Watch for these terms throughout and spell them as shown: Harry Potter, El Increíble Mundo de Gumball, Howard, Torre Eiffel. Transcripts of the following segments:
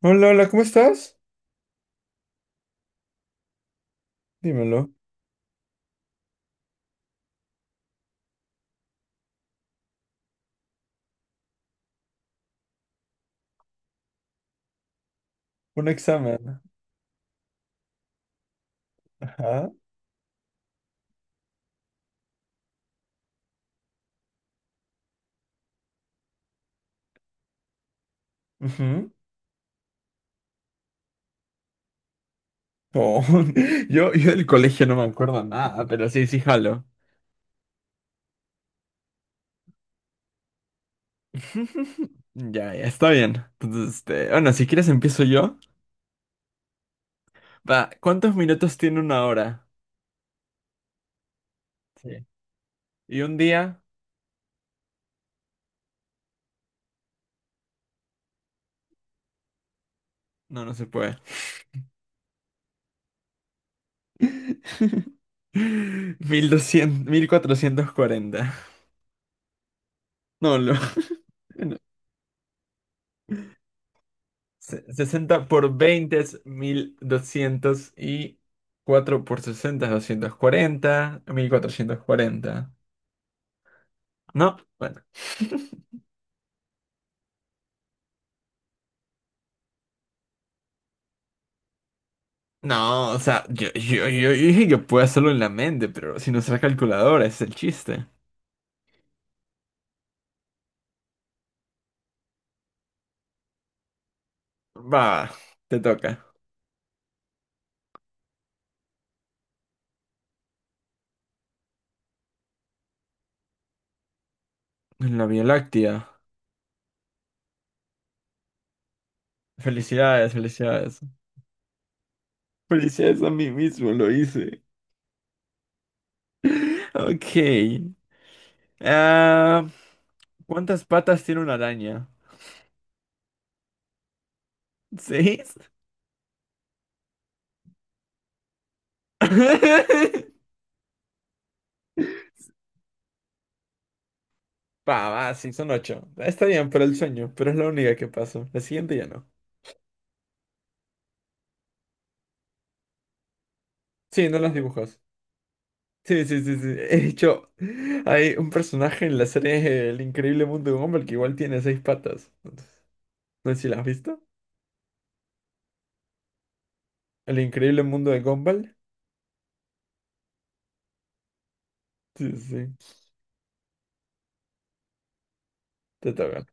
Hola, hola, ¿cómo estás? Dímelo. Un examen. Ajá. Ujú. Oh, yo del colegio no me acuerdo nada, pero sí, sí, jalo. Ya, ya, está bien. Entonces, este, bueno, si quieres empiezo yo. Va, ¿cuántos minutos tiene una hora? Sí. ¿Y un día? No, no se puede. Mil mil doscientos mil cuatrocientos cuarenta. No, lo. 60 por 20 es 1.200 y 4 por 60 es 240, 1.440. No, bueno. No, o sea, yo dije que puedo hacerlo en la mente, pero sin usar calculadora, ese es el chiste. Va, te toca. En la Vía Láctea. Felicidades, felicidades. Felicidades a mí mismo, lo hice. Ok. Ah, ¿cuántas patas tiene una araña? ¿Seis? Va, va, sí, son ocho. Está bien, pero el sueño, pero es la única que pasó. La siguiente ya no. Sí, no los dibujos. Sí, sí, sí, sí. He dicho, hay un personaje en la serie El Increíble Mundo de Gumball que igual tiene seis patas. Entonces, no sé si la has visto. El Increíble Mundo de Gumball. Sí, sí, sí. Te toca.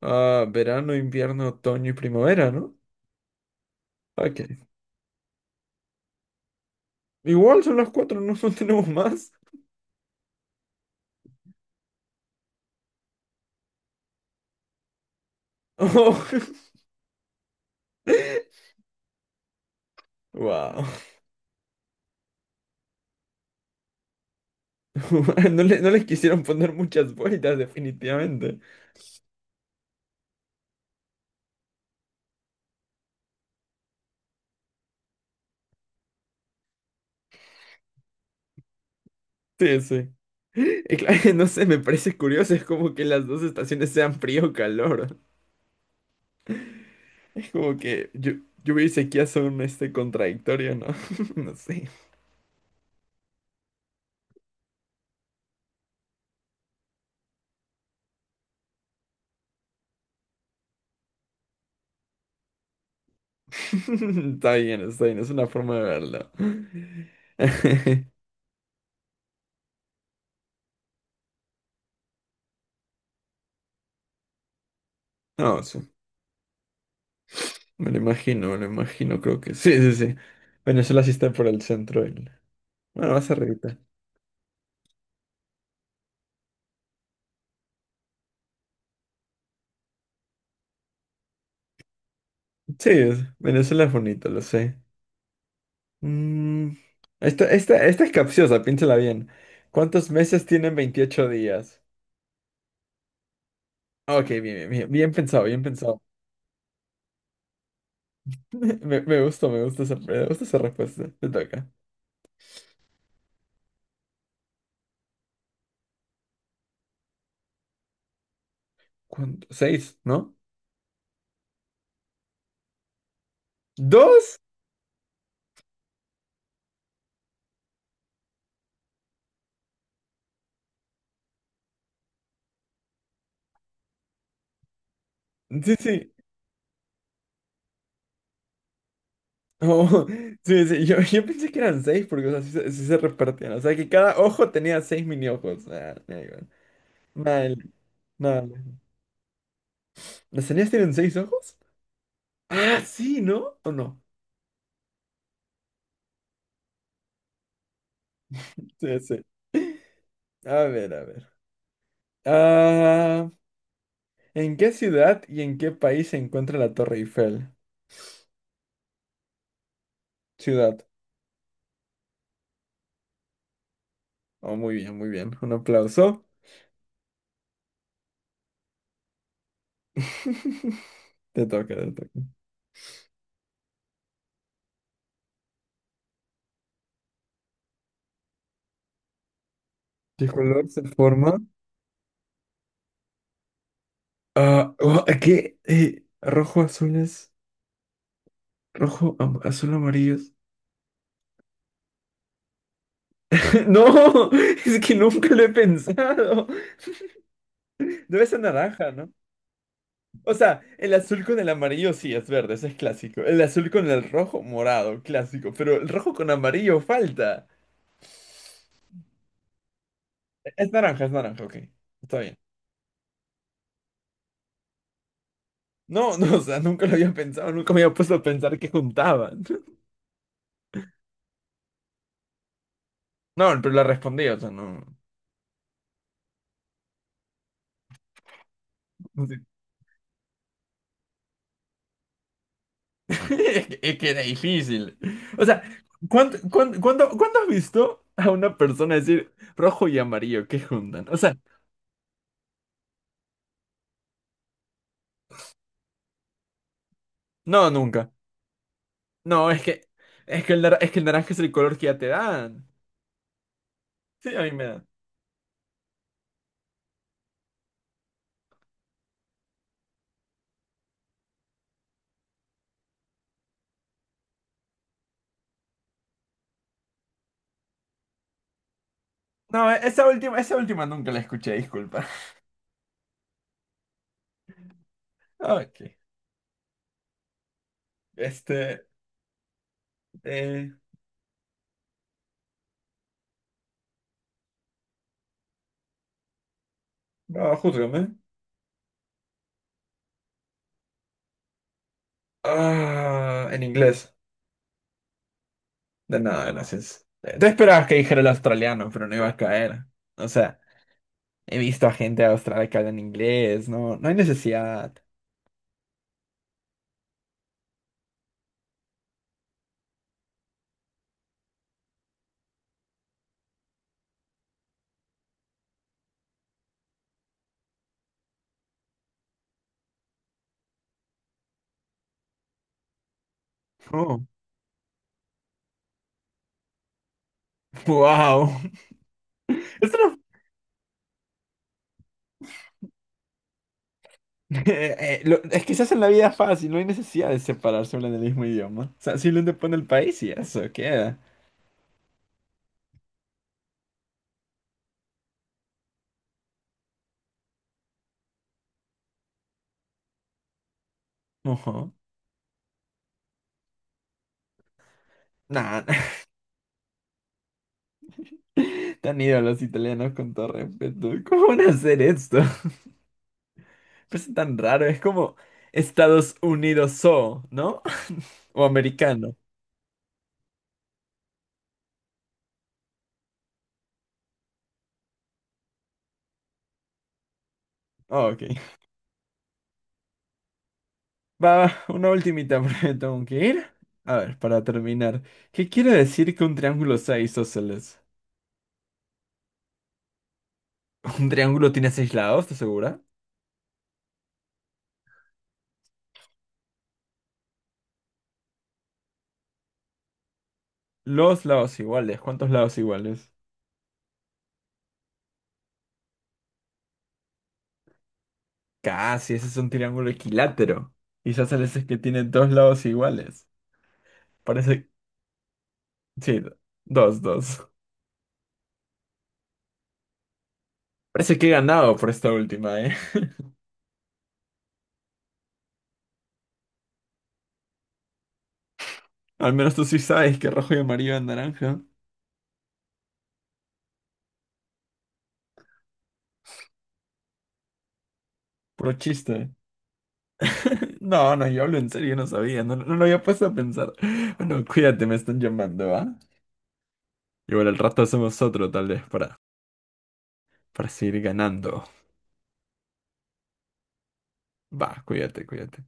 Ah, verano, invierno, otoño y primavera, ¿no? Ok. Igual son las cuatro, no, no tenemos más. Oh. Wow. No les quisieron poner muchas vueltas, definitivamente. Sí, sí. Y claro, no sé, me parece curioso, es como que las dos estaciones sean frío o calor. Es como que lluvia y sequía son este contradictorio, ¿no? No sé. Está bien, es una forma de verlo. No, sí, me lo imagino, creo que sí, sí, sí. Venezuela sí está por el centro del. Bueno, más arribita. Sí, Venezuela es bonito, lo sé. Mm, esta es capciosa, piénsala bien. ¿Cuántos meses tienen 28 días? Ok, bien, bien, bien, bien pensado, bien pensado. Me gustó, me gusta esa respuesta. Te toca. ¿Cuánto? Seis, ¿no? ¿Dos? Sí, sí. Oh, sí, sí. Yo pensé que eran seis porque, o sea, sí se repartían. O sea, que cada ojo tenía seis mini ojos. Ah, da igual. Mal, mal. ¿Las arañas tienen seis ojos? Ah, sí, ¿no? ¿O no? Sí, sí. A ver, a ver. Ah, ¿en qué ciudad y en qué país se encuentra la Torre Eiffel? Ciudad. Oh, muy bien, muy bien. Un aplauso. Te toca, te toca. ¿Qué color se forma? Ah, oh, ¿qué? Rojo, azules. Azul, amarillos. No, es que nunca lo he pensado. Debe ser naranja, ¿no? O sea, el azul con el amarillo sí es verde, ese es clásico. El azul con el rojo, morado, clásico. Pero el rojo con amarillo falta. Es naranja, ok. Está bien. No, no, o sea, nunca lo había pensado, nunca me había puesto a pensar que juntaban. No, pero la respondí, o sea, no. Es es que era difícil. O sea, ¿cuándo has visto a una persona decir rojo y amarillo que juntan? O sea, no, nunca. No, es que el naranja es el color que ya te dan. Sí, a mí me dan. No, esa última nunca la escuché, disculpa. Ok. Este, eh, no, júzgame. Ah, en inglés. De nada, gracias. Te esperabas que dijera el australiano, pero no iba a caer. O sea, he visto a gente de Australia que habla en inglés, no, no hay necesidad. Oh, wow. Esto no- Es que se hace la vida fácil, no hay necesidad de separarse hablando el mismo idioma. O sea, simplemente pone el país y eso queda. Ojo. Nah, tan ido los italianos con todo respeto. ¿Cómo van a hacer esto? Es tan raro, es como Estados Unidos o, ¿no? O americano. Oh, ok. Va, una ultimita porque me tengo que ir. A ver, para terminar. ¿Qué quiere decir que un triángulo sea isósceles? ¿Un triángulo tiene seis lados, estás segura? Los lados iguales. ¿Cuántos lados iguales? Casi, ese es un triángulo equilátero. Isósceles es que tiene dos lados iguales. Parece. Sí, dos, dos. Parece que he ganado por esta última, ¿eh? Al menos tú sí sabes que rojo y amarillo es naranja. Puro chiste. No, no, yo hablo en serio, yo no sabía, no, no lo había puesto a pensar. Bueno, cuídate, me están llamando, ¿va? Igual al rato hacemos otro, tal vez, para seguir ganando. Va, cuídate, cuídate.